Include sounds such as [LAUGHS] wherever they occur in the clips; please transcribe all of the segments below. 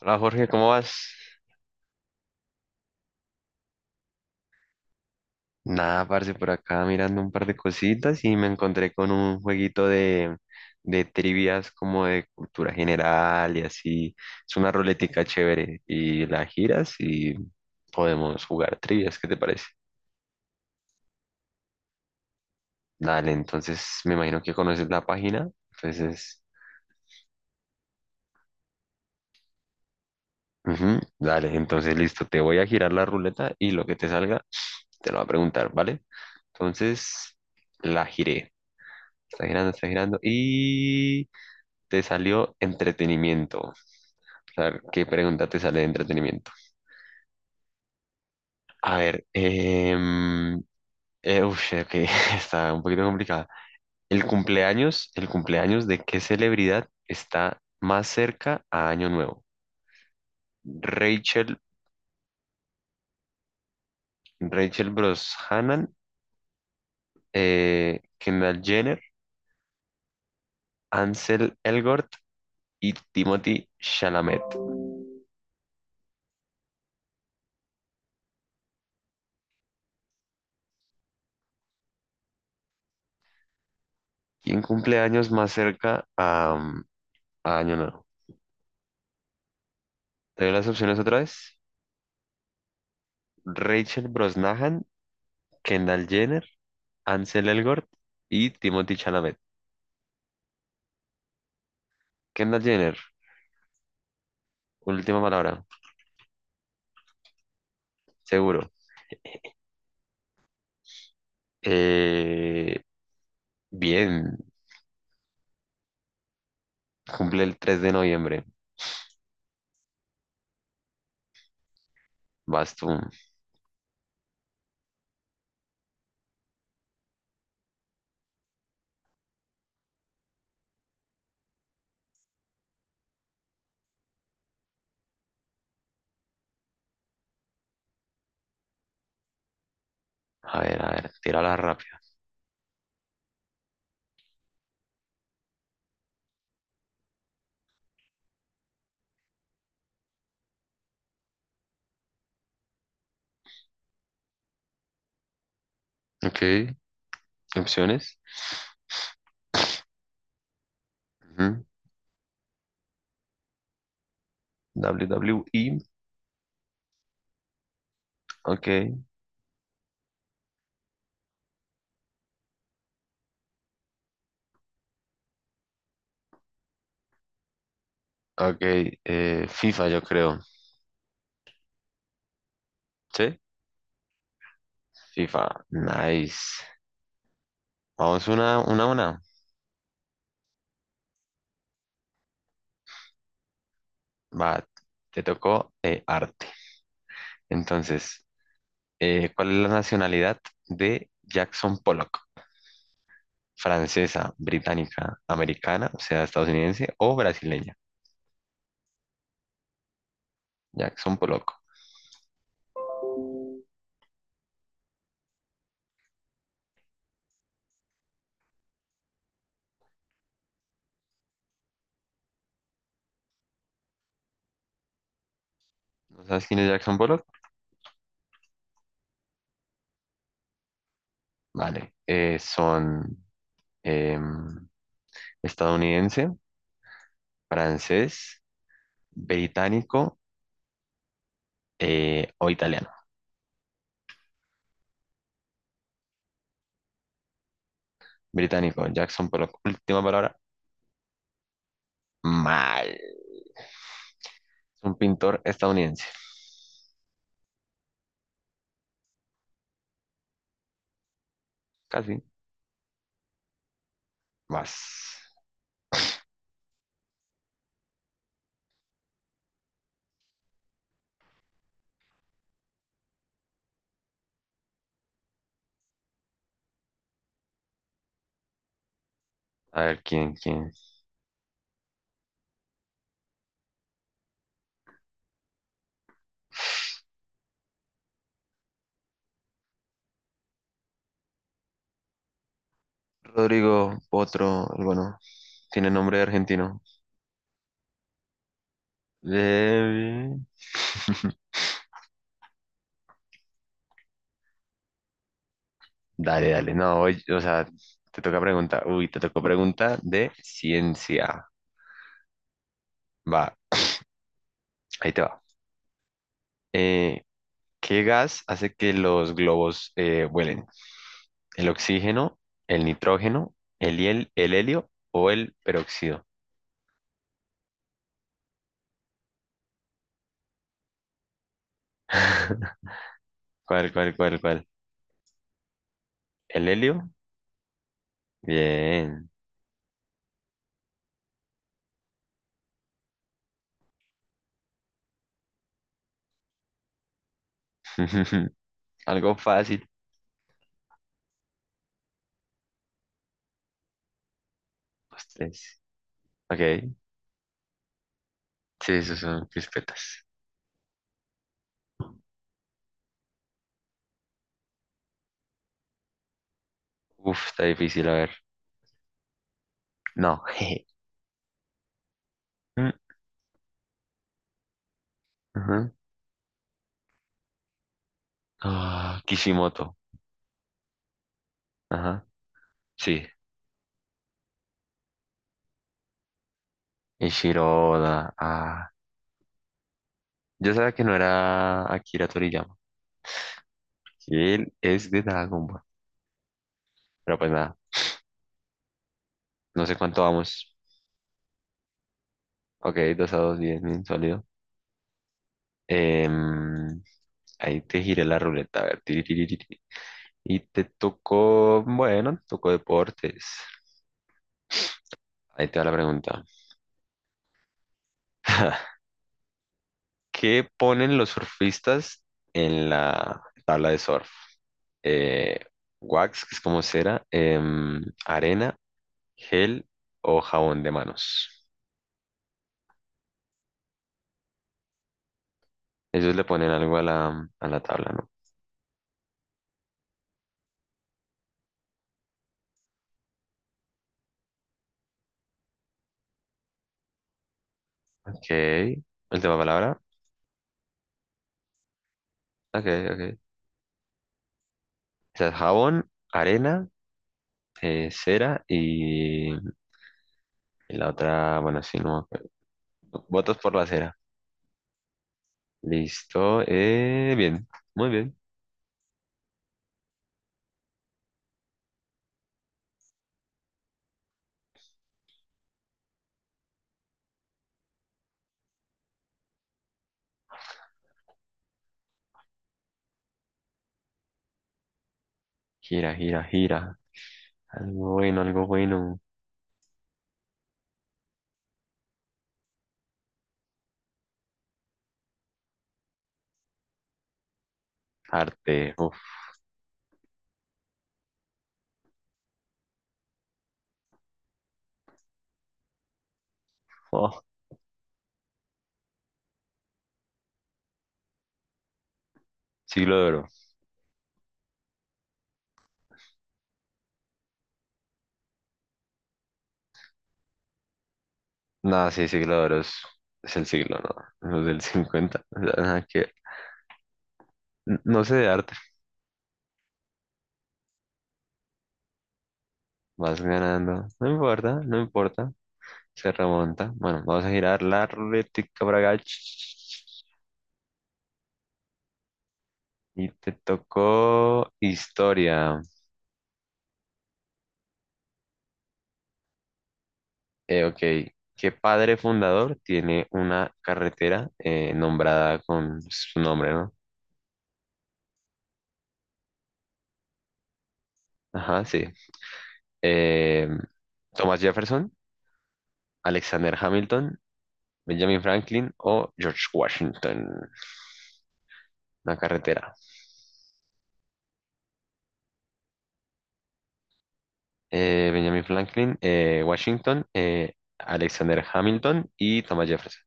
Hola Jorge, ¿cómo vas? Nada, parce, por acá mirando un par de cositas y me encontré con un jueguito de trivias como de cultura general y así. Es una ruletica chévere y la giras y podemos jugar trivias, ¿qué te parece? Dale, entonces me imagino que conoces la página. Entonces, ujú, dale, entonces listo, te voy a girar la ruleta y lo que te salga te lo va a preguntar, ¿vale? Entonces, la giré. Está girando y te salió entretenimiento. O sea, ¿qué pregunta te sale de entretenimiento? A ver, ush, ok, [LAUGHS] está un poquito complicada. El cumpleaños de qué celebridad está más cerca a Año Nuevo? Rachel, Rachel Brosnahan, Kendall Jenner, Ansel Elgort y Timothy Chalamet. ¿Quién cumple años más cerca a Año Nuevo? Te doy las opciones otra vez. Rachel Brosnahan, Kendall Jenner, Ansel Elgort y Timothy Chalamet. Kendall Jenner, última palabra, seguro. Eh, Bien, cumple el 3 de noviembre. Vas tú. A ver, tírala rápido. Ok, opciones. Ujú, WWE. Ok, ok. FIFA, yo creo. ¿Sí? FIFA, nice. Vamos una, a una. Va, te tocó arte. Entonces, ¿cuál es la nacionalidad de Jackson Pollock? ¿Francesa, británica, americana, o sea, estadounidense o brasileña? Jackson Pollock. ¿No sabes quién es Jackson Pollock? Vale. Son em, estadounidense, francés, británico o italiano. Británico, Jackson Pollock. Última palabra, mal. Es un pintor estadounidense. Casi. Vas. A ver quién, quién. Rodrigo Potro, el bueno. Tiene nombre de argentino. Levi. [LAUGHS] Dale, dale. No, oye, o sea, te toca pregunta. Uy, te tocó pregunta de ciencia. Va, ahí te va. Eh, ¿Qué gas hace que los globos vuelen? ¿El oxígeno, el nitrógeno, el helio o el peróxido? [LAUGHS] ¿Cuál? ¿El helio? Bien. [LAUGHS] Algo fácil. Pues tres. Ok. Sí, esos son crispetas. Uf, está difícil, a ver. No. [LAUGHS] jeje. Mm, ujú. Ah, Kishimoto. Ajá. Sí. Ishiroda. Ah. Yo sabía que no era Akira Toriyama. Que él es de Dragon Ball. Pero pues nada. No sé cuánto vamos. Ok, 2-2, 10, bien sólido. Em, Ahí te giré la ruleta. A ver. Tiri, tiri, tiri, tiri. Y te tocó. Bueno, te tocó deportes. Ahí te va la pregunta. [LAUGHS] ¿Qué ponen los surfistas en la tabla de surf? eh, wax, que es como cera, arena, gel o jabón de manos. Ellos le ponen algo a la tabla, ¿no? Ok. Última palabra. Ok, ok. O sea, jabón, arena, cera y la otra, bueno, sí, no me acuerdo. Votos por la cera. Listo. Bien, muy bien. Gira, gira, gira. Algo bueno, algo bueno. Arte. Uf, oh, siglo de oro. No, sí, siglo de oro es el siglo, ¿no? Los del [LAUGHS] 50 o sea, nada que ver. N- no sé de arte. Vas ganando. No importa, no importa. Se remonta. Bueno, vamos a girar la ruletica para acá. Y te tocó historia. Ok. ¿Qué padre fundador tiene una carretera nombrada con su nombre, ¿no? Ajá, sí. Eh, Thomas Jefferson, Alexander Hamilton, Benjamin Franklin o George Washington. Una carretera. Benjamin Franklin, Washington, Alexander Hamilton y Thomas Jefferson.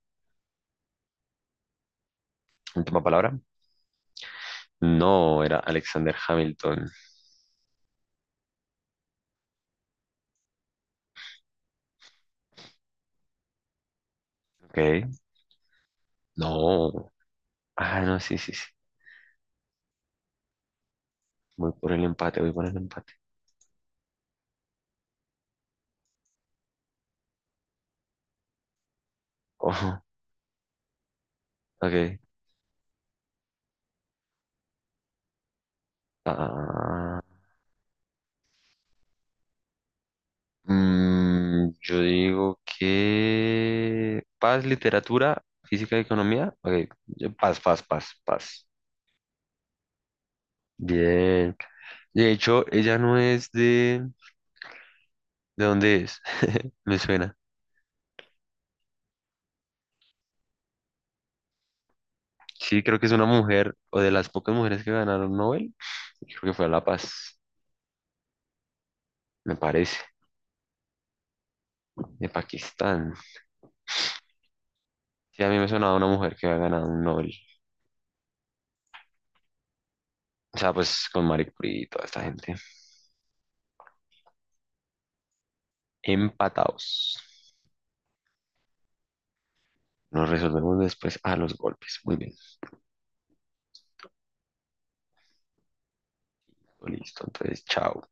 Última palabra. No, era Alexander Hamilton. Ok. No. Ah, no, sí, sí, sí. Voy por el empate, voy por el empate. Ojo. Ok. Ah, mm, yo digo que paz, literatura, física y economía. Ok. Yo- paz, paz, paz, paz. Bien. De hecho, ella no es de... ¿De dónde es? [LAUGHS] Me suena. Sí, creo que es una mujer, o de las pocas mujeres que ganaron Nobel, y creo que fue a La Paz, me parece, de Pakistán. Sí, a mí me sonaba una mujer que había ganado un Nobel. O sea, pues con Marie Curie y toda esta gente. Empatados. Nos resolvemos después a los golpes. Muy bien. Listo, entonces, chao.